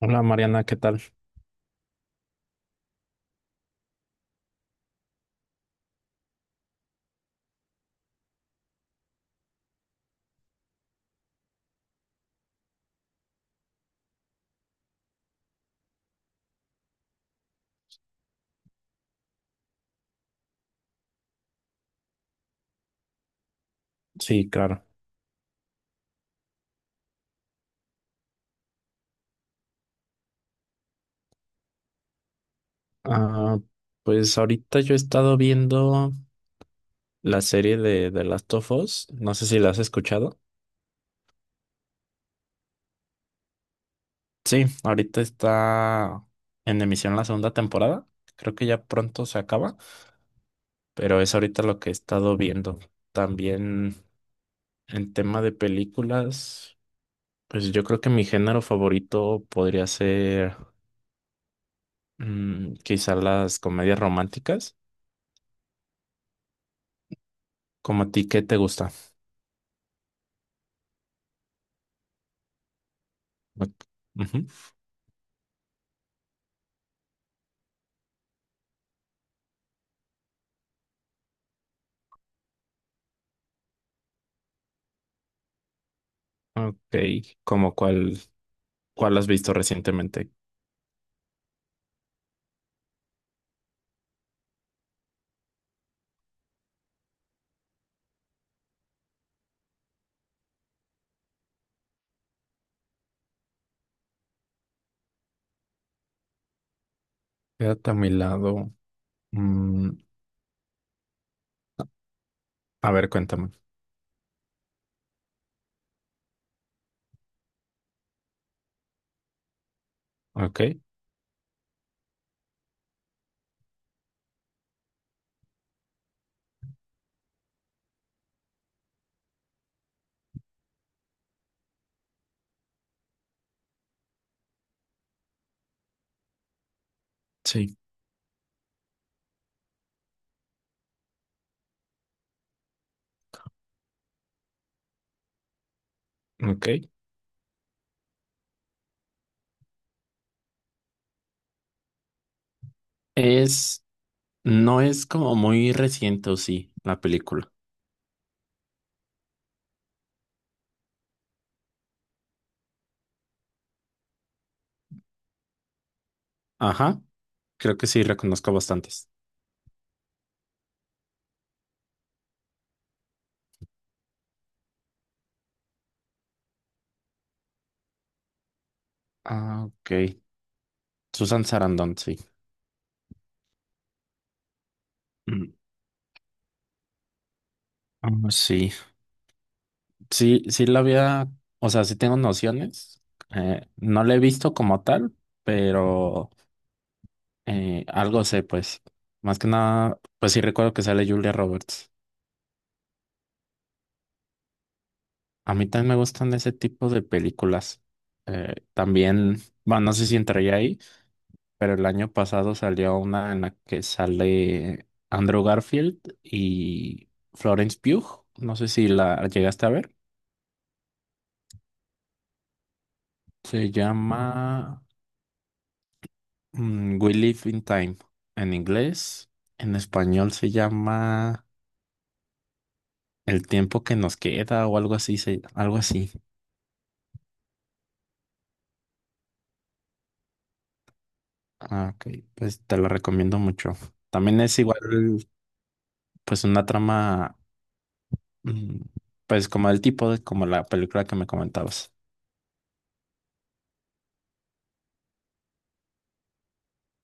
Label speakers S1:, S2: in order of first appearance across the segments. S1: Hola Mariana, ¿qué tal? Sí, claro. Ah, pues ahorita yo he estado viendo la serie de Last of Us. No sé si la has escuchado. Sí, ahorita está en emisión la segunda temporada. Creo que ya pronto se acaba, pero es ahorita lo que he estado viendo. También en tema de películas, pues yo creo que mi género favorito podría ser quizá las comedias románticas. ¿Como a ti qué te gusta? Ok. Ujú. Ok, como cuál, ¿cuál has visto recientemente? Quédate a mi lado. Mm, a ver, cuéntame. Ok, sí, ok. Es, ¿no es como muy reciente, o sí, la película? Ajá, creo que sí, reconozco bastantes. Ah, ok. Susan Sarandon, sí. Mm, ah, sí, sí la había, o sea, sí tengo nociones. No la he visto como tal, pero... algo sé, pues. Más que nada, pues sí recuerdo que sale Julia Roberts. A mí también me gustan ese tipo de películas. También, bueno, no sé si entraría ahí, pero el año pasado salió una en la que sale Andrew Garfield y Florence Pugh. No sé si la llegaste a ver. Se llama We Live in Time en inglés. En español se llama El tiempo que nos queda o algo así, se- algo así. Ah, ok, pues te lo recomiendo mucho. También es igual, pues una trama, mm, pues como del tipo de como la película que me comentabas.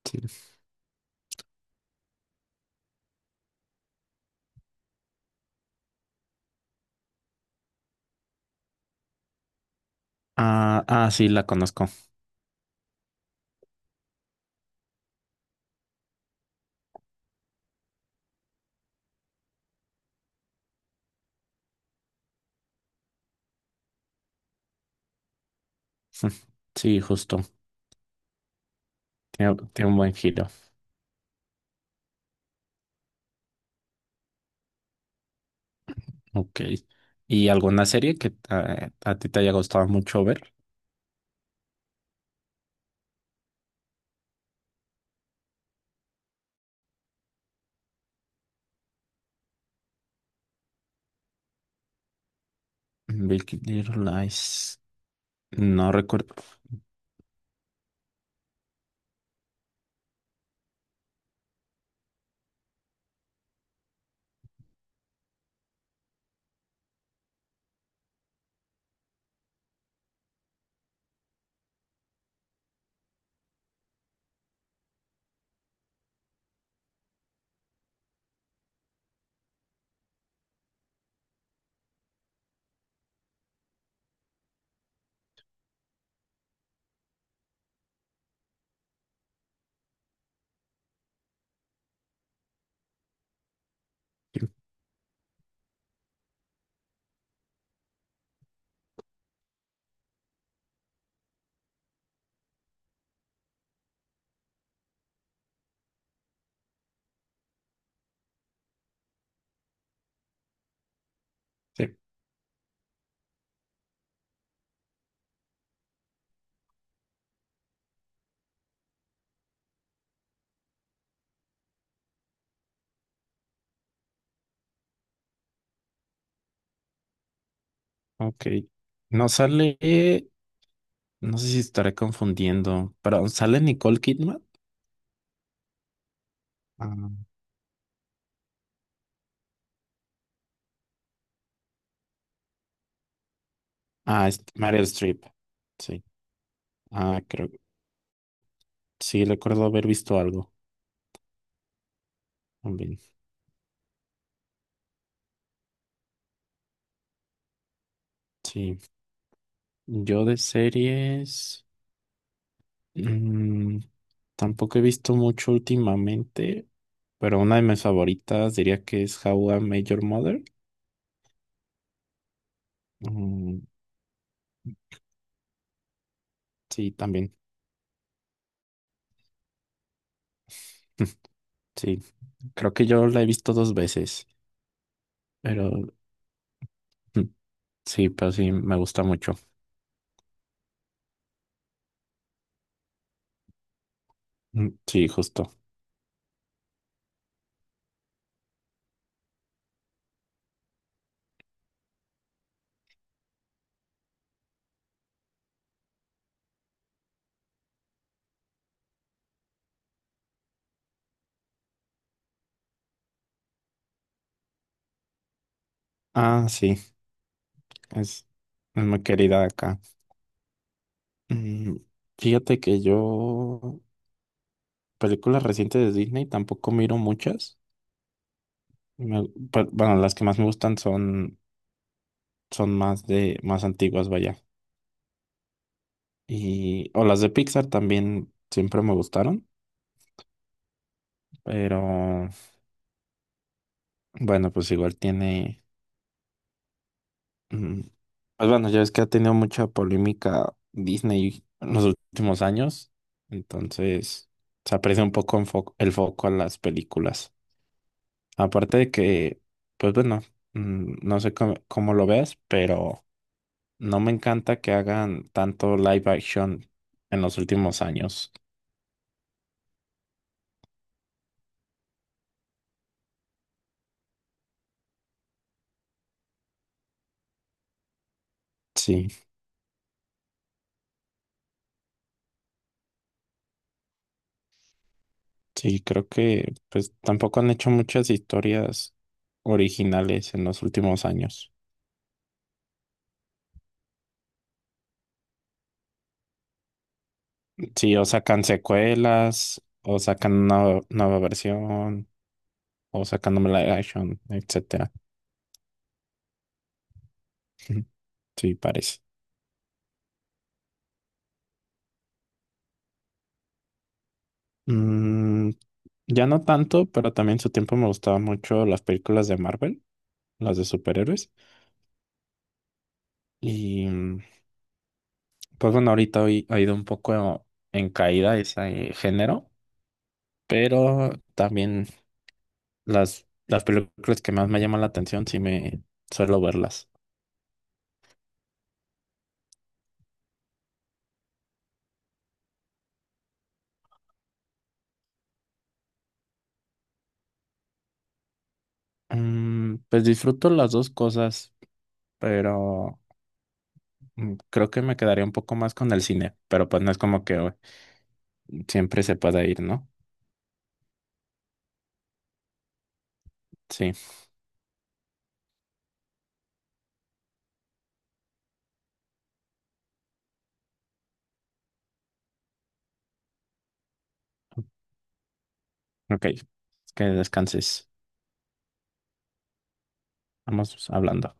S1: Sí. Ah, sí, la conozco. Sí, justo. Tiene, tiene un buen giro. Ok. ¿Y alguna serie que a ti te haya gustado mucho ver? Big Little Lies. No recuerdo. Sí. Ok. No sale, no sé si estaré confundiendo, pero ¿sale Nicole Kidman? Ah. Ah, es Meryl Streep. Sí. Ah, creo. Sí, recuerdo haber visto algo también. Sí. Yo de series, mm, tampoco he visto mucho últimamente. Pero una de mis favoritas diría que es How I Met Your Mother. Mm, sí, también. Sí. Creo que yo la he visto dos veces. Pero mm, sí, pero sí, me gusta mucho. Sí, justo. Ah, sí. Es, es muy querida acá. Mm, fíjate que yo películas recientes de Disney tampoco miro muchas. Me- pe- bueno, las que más me gustan son, son más de, más antiguas, vaya. Y, o las de Pixar también siempre me gustaron, pero bueno, pues igual tiene, mm, pues bueno, ya es que ha tenido mucha polémica Disney en los últimos años, entonces se aprecia un poco en fo- el foco a las películas. Aparte de que, pues bueno, no sé cómo, cómo lo veas, pero... No me encanta que hagan tanto live action en los últimos años. Sí, sí, creo que pues tampoco han hecho muchas historias originales en los últimos años. Sí, o sacan secuelas, o sacan una nueva versión, o sacan un live action, etcétera. Sí, parece. Mm, ya no tanto, pero también en su tiempo me gustaban mucho las películas de Marvel, las de superhéroes. Y pues bueno, ahorita hoy ha ido un poco en caída ese género, pero también las películas que más me llaman la atención sí me suelo verlas. Mm, pues disfruto las dos cosas, pero creo que me quedaría un poco más con el cine, pero pues no es como que siempre se pueda ir, ¿no? Sí, ok, que descanses. Vamos hablando.